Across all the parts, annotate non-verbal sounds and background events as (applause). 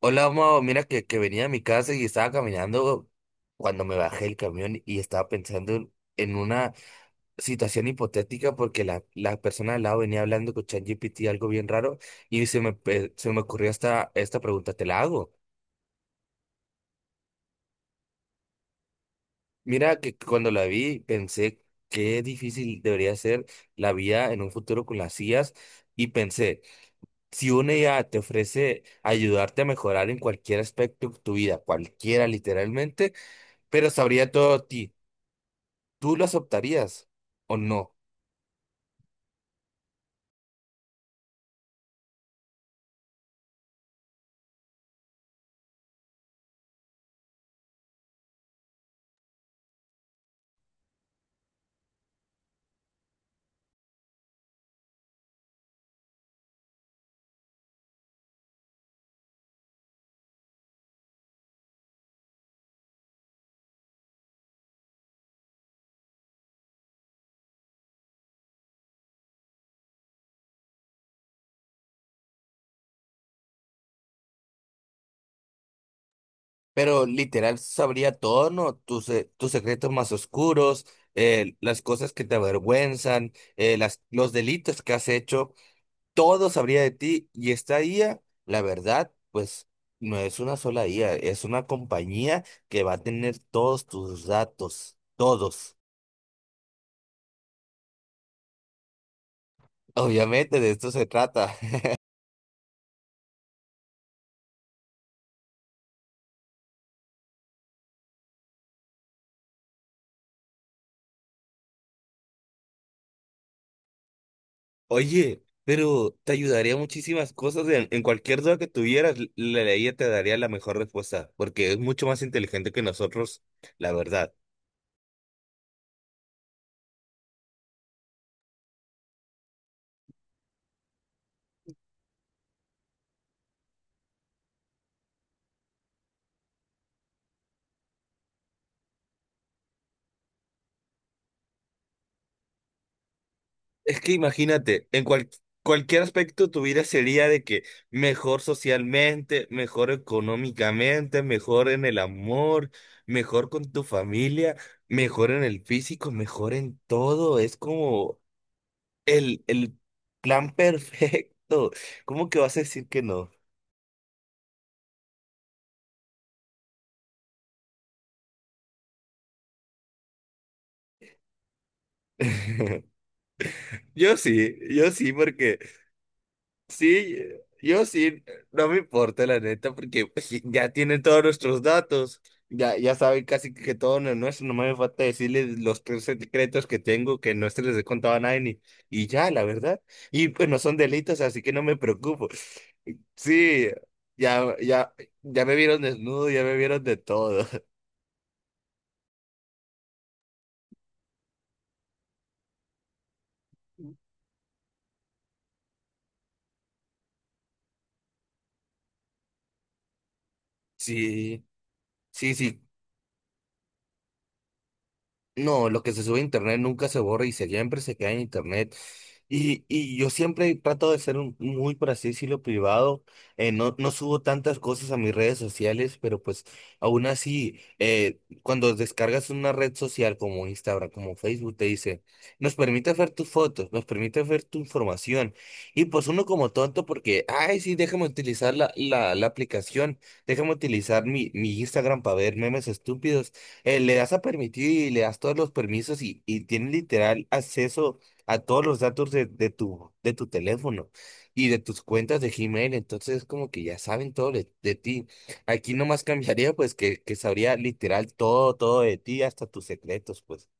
Hola, Mao. Mira que venía a mi casa y estaba caminando cuando me bajé el camión y estaba pensando en una situación hipotética porque la persona al lado venía hablando con ChatGPT algo bien raro y se me ocurrió esta pregunta, te la hago. Mira que cuando la vi pensé qué difícil debería ser la vida en un futuro con las IAs y pensé, si una IA te ofrece ayudarte a mejorar en cualquier aspecto de tu vida, cualquiera literalmente, pero sabría todo de ti. ¿Tú lo aceptarías o no? Pero literal sabría todo, ¿no? Tus secretos más oscuros, las cosas que te avergüenzan, los delitos que has hecho, todo sabría de ti. Y esta IA, la verdad, pues no es una sola IA, es una compañía que va a tener todos tus datos, todos. Obviamente de esto se trata. Oye, pero te ayudaría muchísimas cosas en cualquier duda que tuvieras, la ley te daría la mejor respuesta, porque es mucho más inteligente que nosotros, la verdad. Es que imagínate, en cualquier aspecto tu vida sería de que mejor socialmente, mejor económicamente, mejor en el amor, mejor con tu familia, mejor en el físico, mejor en todo. Es como el plan (laughs) perfecto. ¿Cómo que vas a decir que no? (laughs) Yo sí, yo sí, porque sí, yo sí, no me importa la neta, porque pues, sí, ya tienen todos nuestros datos, ya, ya saben casi que todo no nuestro, no me falta decirles los tres secretos que tengo que no se les he contado a nadie, y ya, la verdad, y pues no son delitos, así que no me preocupo. Sí, ya, ya, ya me vieron desnudo, ya me vieron de todo. (laughs) Sí, sí, sí. No, lo que se sube a internet nunca se borra y siempre se queda en internet. Y yo siempre trato de ser muy, por así decirlo, privado. No, no subo tantas cosas a mis redes sociales, pero pues aún así, cuando descargas una red social como Instagram, como Facebook, te dice, nos permite ver tus fotos, nos permite ver tu información. Y pues uno como tonto porque, ay, sí, déjame utilizar la aplicación, déjame utilizar mi Instagram para ver memes estúpidos. Le das a permitir y le das todos los permisos y tienes literal acceso a todos los datos de tu teléfono y de tus cuentas de Gmail. Entonces, como que ya saben todo de ti. Aquí nomás cambiaría, pues, que sabría literal todo, todo de ti, hasta tus secretos, pues.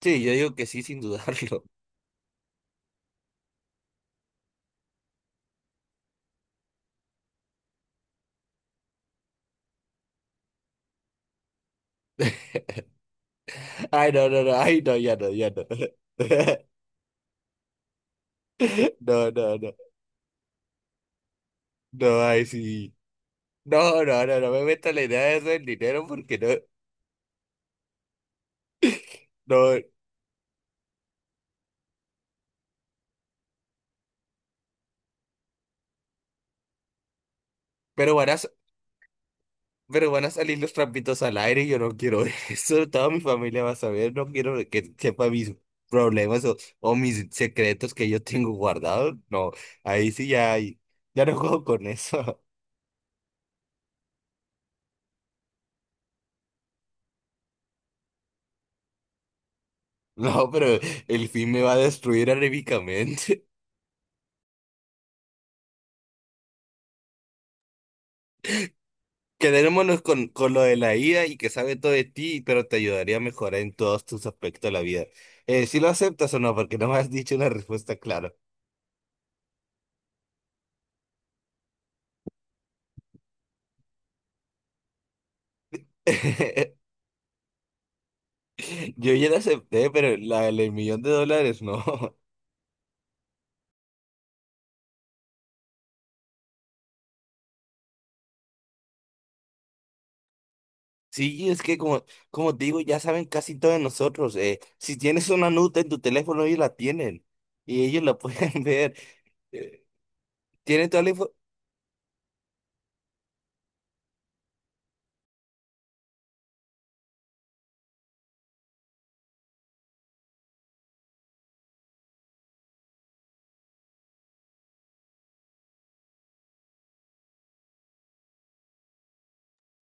Sí, yo digo que sí, sin dudarlo. (laughs) Ay, no, no, no, ay, no, ya no, ya no. (laughs) No, no, no, no, ay, sí. No, no, no, no me meto en la idea de eso del dinero porque no, no. Pero bueno, pero van a salir los trapitos al aire y yo no quiero (laughs) eso. Toda mi familia va a saber, no quiero que sepa mis problemas o mis secretos que yo tengo guardados. No, ahí sí ya, ya no (laughs) juego con eso. (laughs) No, pero el fin me va a destruir anímicamente. (laughs) Quedémonos con lo de la IA y que sabe todo de ti, pero te ayudaría a mejorar en todos tus aspectos de la vida. Si lo aceptas o no, porque no me has dicho una respuesta clara. (laughs) Yo ya la acepté, pero la del millón de dólares no. Sí, es que como te digo, ya saben casi todos nosotros. Si tienes una nota en tu teléfono, ellos la tienen y ellos la (laughs) pueden ver. eh, tienen toda la.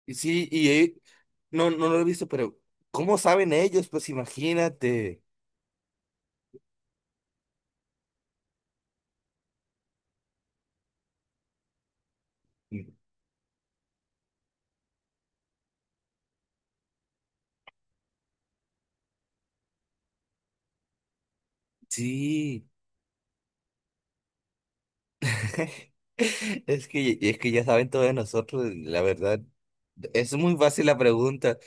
Y sí, y no, no lo he visto, pero ¿cómo saben ellos? Pues imagínate. Sí. (laughs) Es que ya saben todos nosotros, la verdad. Es muy fácil la pregunta.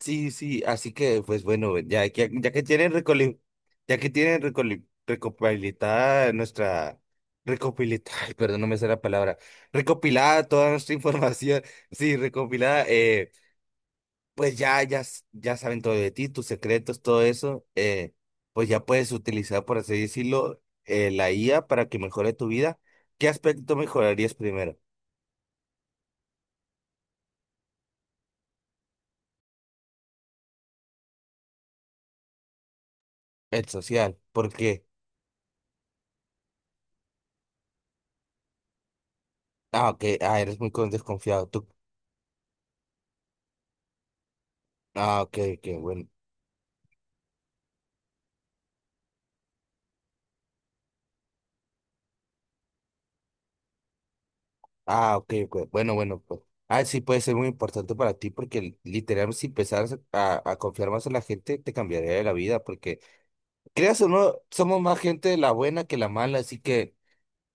Sí, sí, así que pues bueno, ya que recopilada nuestra recopilada, (laughs) perdón, no me sale la palabra, recopilada toda nuestra información, (laughs) sí, recopilada, pues ya saben todo de ti, tus secretos, todo eso, pues ya puedes utilizar, por así decirlo, la IA para que mejore tu vida. ¿Qué aspecto mejorarías primero? El social, porque, ah, ok, ah, eres muy desconfiado, tú, ah, ok, ok, bueno. Ah, ok, ok. Bueno, bueno, pues. Ah, sí, puede ser muy importante para ti porque literalmente si empezaras a confiar más en la gente, te cambiaría la vida porque, creas o no, somos más gente de la buena que la mala, así que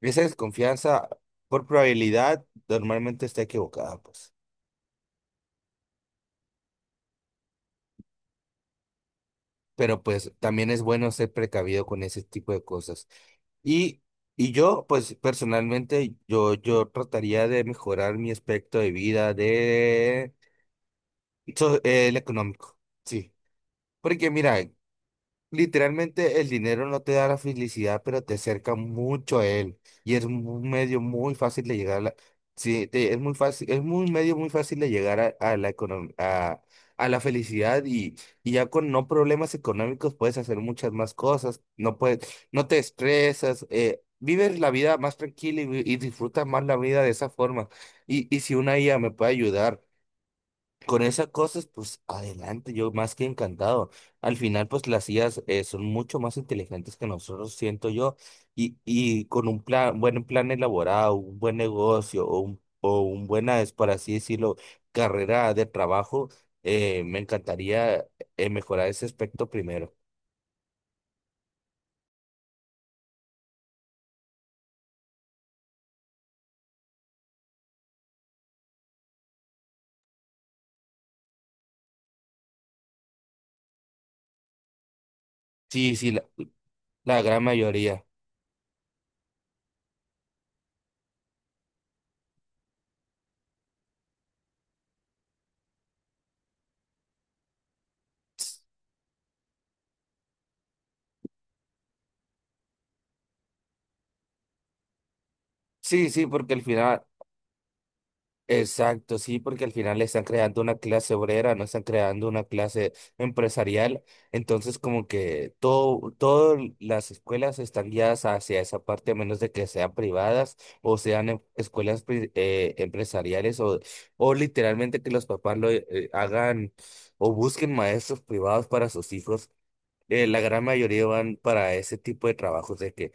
esa desconfianza por probabilidad normalmente está equivocada, pues. Pero pues también es bueno ser precavido con ese tipo de cosas. Y, y yo, pues personalmente, yo trataría de mejorar mi aspecto de vida de el económico. Sí. Porque mira, literalmente el dinero no te da la felicidad, pero te acerca mucho a él. Y es un medio muy fácil de llegar a la... Sí, es muy fácil, es un medio muy fácil de llegar a la felicidad y ya con no problemas económicos puedes hacer muchas más cosas, no puedes, no te estresas, vives la vida más tranquila y disfrutas más la vida de esa forma. Y si una IA me puede ayudar con esas cosas, pues adelante, yo más que encantado. Al final, pues las IAs , son mucho más inteligentes que nosotros, siento yo, y con un plan, buen plan elaborado, un buen negocio o un buena, es por así decirlo, carrera de trabajo, me encantaría mejorar ese aspecto primero. Sí, sí, la gran mayoría. Sí, sí, porque al final. Exacto, sí, porque al final están creando una clase obrera, no están creando una clase empresarial. Entonces, como que todas las escuelas están guiadas hacia esa parte, a menos de que sean privadas o sean escuelas empresariales o literalmente que los papás lo hagan o busquen maestros privados para sus hijos. La gran mayoría van para ese tipo de trabajos de que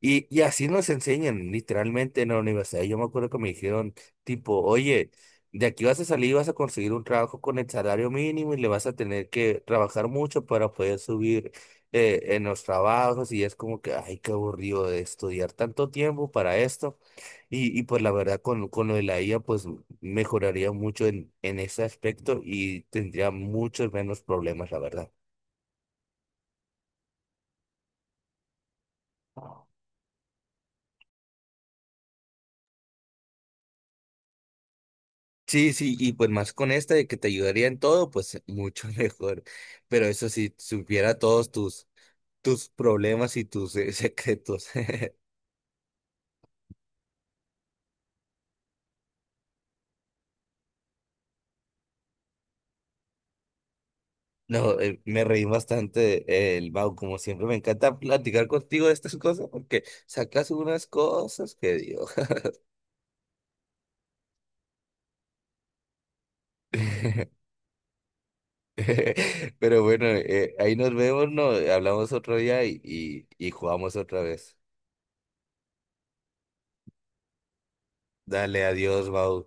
y así nos enseñan literalmente en la universidad. Yo me acuerdo que me dijeron tipo, oye, de aquí vas a salir vas a conseguir un trabajo con el salario mínimo y le vas a tener que trabajar mucho para poder subir en los trabajos y es como que, ay, qué aburrido de estudiar tanto tiempo para esto. Y pues la verdad con lo de la IA pues mejoraría mucho en ese aspecto y tendría muchos menos problemas, la verdad. Sí, sí, y pues más con esta de que te ayudaría en todo, pues mucho (laughs) mejor. Pero eso sí, supiera todos tus problemas y tus secretos. (laughs) No, me reí bastante, el Mau, como siempre, me encanta platicar contigo de estas cosas porque sacas unas cosas que Dios. (laughs) Pero bueno, ahí nos vemos, ¿no? Hablamos otro día y jugamos otra vez. Dale, adiós, Mau.